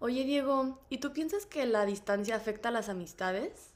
Oye, Diego, ¿y tú piensas que la distancia afecta a las amistades?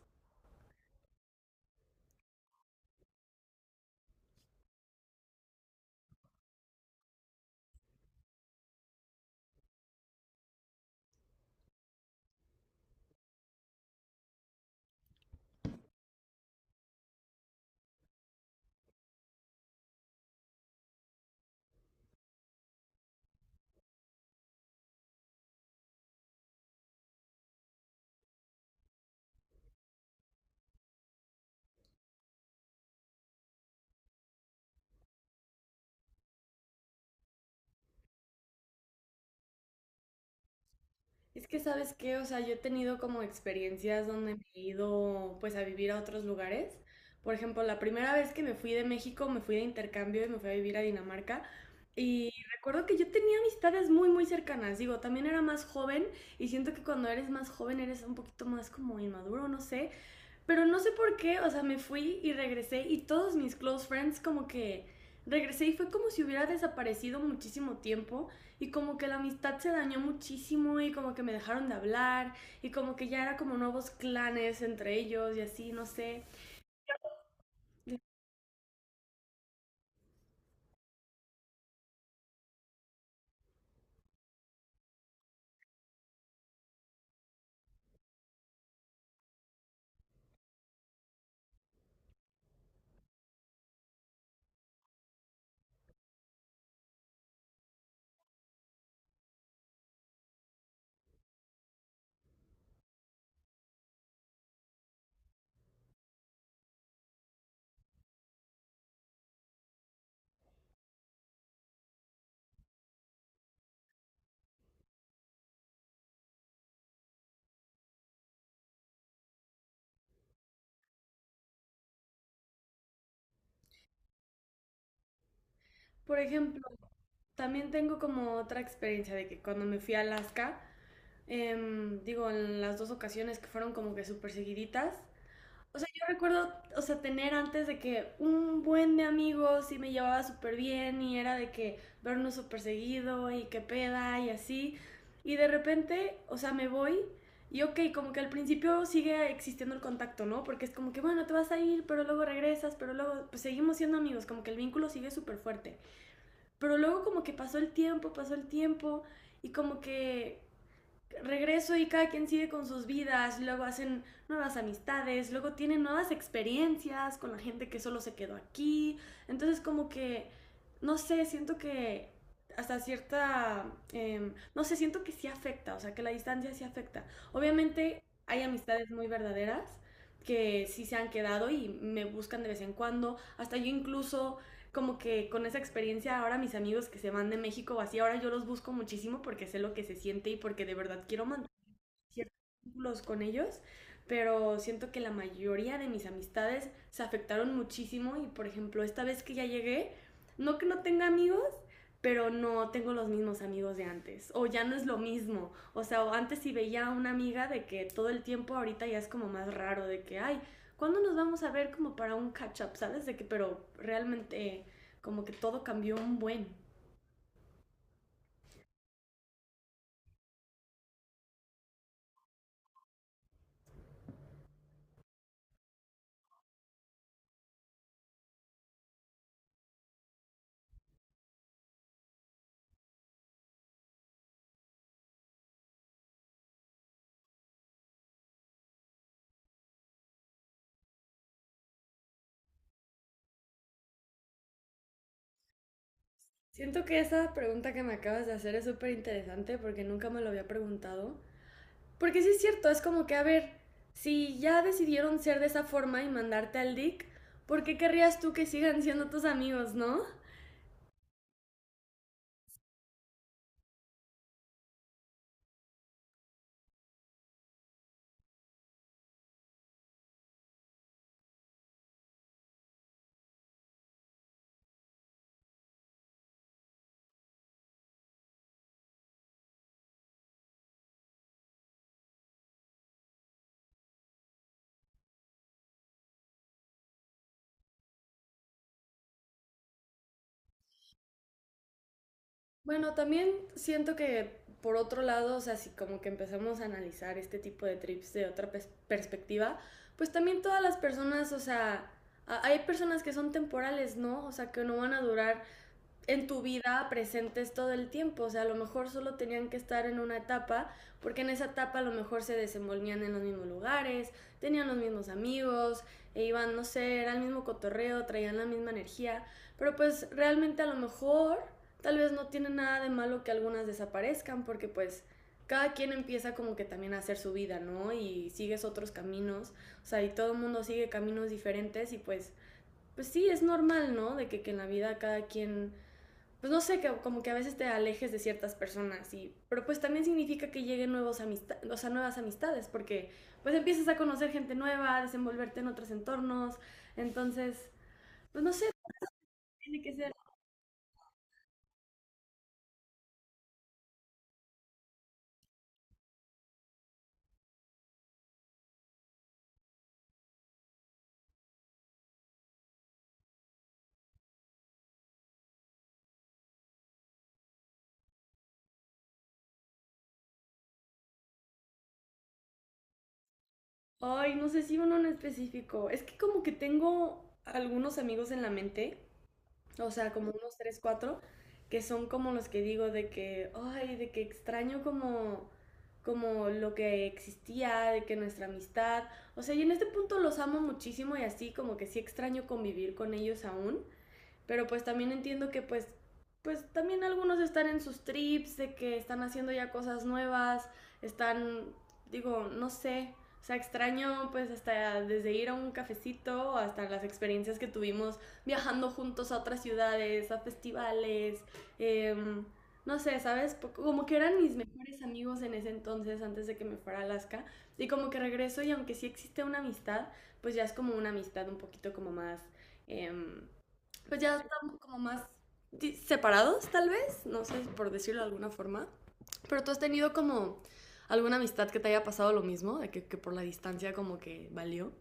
Es que, ¿sabes qué? O sea, yo he tenido como experiencias donde me he ido pues a vivir a otros lugares. Por ejemplo, la primera vez que me fui de México, me fui de intercambio y me fui a vivir a Dinamarca. Y recuerdo que yo tenía amistades muy, muy cercanas. Digo, también era más joven y siento que cuando eres más joven eres un poquito más como inmaduro, no sé. Pero no sé por qué, o sea, me fui y regresé y todos mis close friends como que regresé y fue como si hubiera desaparecido muchísimo tiempo y como que la amistad se dañó muchísimo y como que me dejaron de hablar y como que ya era como nuevos clanes entre ellos y así, no sé. Por ejemplo, también tengo como otra experiencia de que cuando me fui a Alaska, digo, en las dos ocasiones que fueron como que súper seguiditas. O sea, yo recuerdo, o sea, tener antes de que un buen de amigos y me llevaba súper bien y era de que vernos súper seguido y qué peda y así. Y de repente, o sea, me voy y ok, como que al principio sigue existiendo el contacto, ¿no? Porque es como que, bueno, te vas a ir, pero luego regresas, pero luego, pues seguimos siendo amigos, como que el vínculo sigue súper fuerte. Pero luego como que pasó el tiempo y como que regreso y cada quien sigue con sus vidas, luego hacen nuevas amistades, luego tienen nuevas experiencias con la gente que solo se quedó aquí. Entonces como que, no sé, siento que hasta cierta, no sé, siento que sí afecta, o sea, que la distancia sí afecta. Obviamente hay amistades muy verdaderas que sí se han quedado y me buscan de vez en cuando. Hasta yo incluso como que con esa experiencia ahora mis amigos que se van de México o así, ahora yo los busco muchísimo porque sé lo que se siente y porque de verdad quiero mantener ciertos vínculos con ellos, pero siento que la mayoría de mis amistades se afectaron muchísimo y por ejemplo esta vez que ya llegué, no que no tenga amigos, pero no tengo los mismos amigos de antes, o ya no es lo mismo, o sea, antes si veía a una amiga de que todo el tiempo ahorita ya es como más raro, de que, ay, ¿cuándo nos vamos a ver como para un catch-up? ¿Sabes? De que, pero realmente como que todo cambió un buen. Siento que esa pregunta que me acabas de hacer es súper interesante porque nunca me lo había preguntado. Porque sí es cierto, es como que, a ver, si ya decidieron ser de esa forma y mandarte al DIC, ¿por qué querrías tú que sigan siendo tus amigos, no? Bueno, también siento que por otro lado, o sea, si como que empezamos a analizar este tipo de trips de otra perspectiva, pues también todas las personas, o sea, hay personas que son temporales, ¿no? O sea, que no van a durar en tu vida presentes todo el tiempo. O sea, a lo mejor solo tenían que estar en una etapa, porque en esa etapa a lo mejor se desenvolvían en los mismos lugares, tenían los mismos amigos, e iban, no sé, era el mismo cotorreo, traían la misma energía. Pero pues realmente a lo mejor tal vez no tiene nada de malo que algunas desaparezcan, porque pues cada quien empieza como que también a hacer su vida, ¿no? Y sigues otros caminos, o sea, y todo el mundo sigue caminos diferentes y pues, pues sí, es normal, ¿no? De que en la vida cada quien pues no sé, que, como que a veces te alejes de ciertas personas, y, pero pues también significa que lleguen nuevos amistad, o sea, nuevas amistades, porque pues empiezas a conocer gente nueva, a desenvolverte en otros entornos, entonces, pues no sé, tiene que ser, ay, no sé si uno en específico, es que como que tengo algunos amigos en la mente, o sea, como unos tres, cuatro, que son como los que digo de que, ay, de que extraño como, como lo que existía, de que nuestra amistad, o sea, y en este punto los amo muchísimo y así como que sí extraño convivir con ellos aún, pero pues también entiendo que pues, pues también algunos están en sus trips, de que están haciendo ya cosas nuevas, están, digo, no sé. O sea, extraño pues hasta desde ir a un cafecito hasta las experiencias que tuvimos viajando juntos a otras ciudades, a festivales, eh, no sé, ¿sabes? Como que eran mis mejores amigos en ese entonces antes de que me fuera a Alaska. Y como que regreso y aunque sí existe una amistad, pues ya es como una amistad un poquito como más... Eh, pues ya estamos como más separados, tal vez, no sé, por decirlo de alguna forma. Pero tú has tenido como alguna amistad que te haya pasado lo mismo, de que por la distancia como que valió.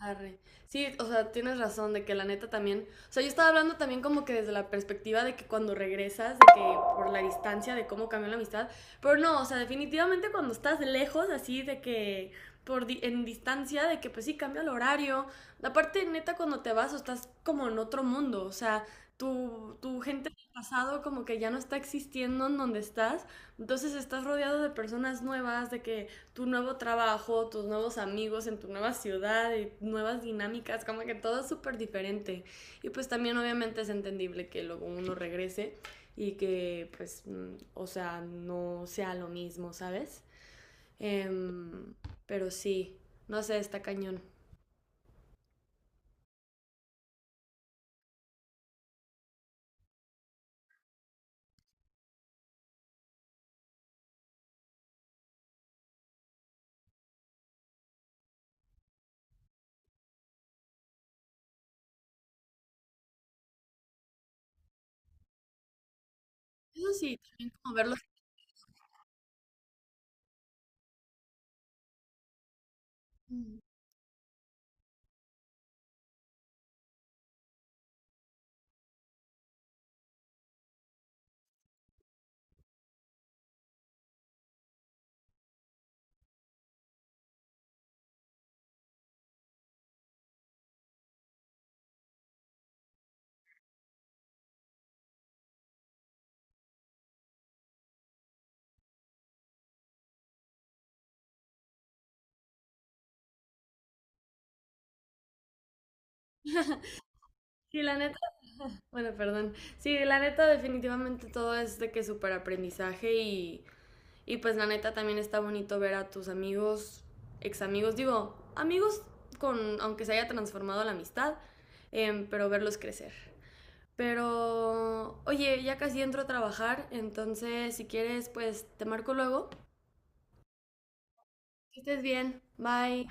Arre. Sí, o sea, tienes razón de que la neta también, o sea, yo estaba hablando también como que desde la perspectiva de que cuando regresas, de que por la distancia, de cómo cambió la amistad, pero no, o sea, definitivamente cuando estás lejos, así de que por en distancia, de que pues sí cambia el horario, aparte neta cuando te vas o estás como en otro mundo, o sea, tu gente del pasado como que ya no está existiendo en donde estás, entonces estás rodeado de personas nuevas, de que tu nuevo trabajo, tus nuevos amigos en tu nueva ciudad, y nuevas dinámicas, como que todo es súper diferente. Y pues también obviamente es entendible que luego uno regrese y que pues, o sea, no sea lo mismo, ¿sabes? Em, pero sí, no sé, está cañón. Eso sí, también como verlo. Sí, la neta, bueno, perdón. Sí, la neta definitivamente todo es de que súper aprendizaje y pues la neta también está bonito ver a tus amigos, ex amigos, digo, amigos con, aunque se haya transformado la amistad, pero verlos crecer. Pero, oye, ya casi entro a trabajar, entonces si quieres, pues te marco luego. Que estés bien, bye.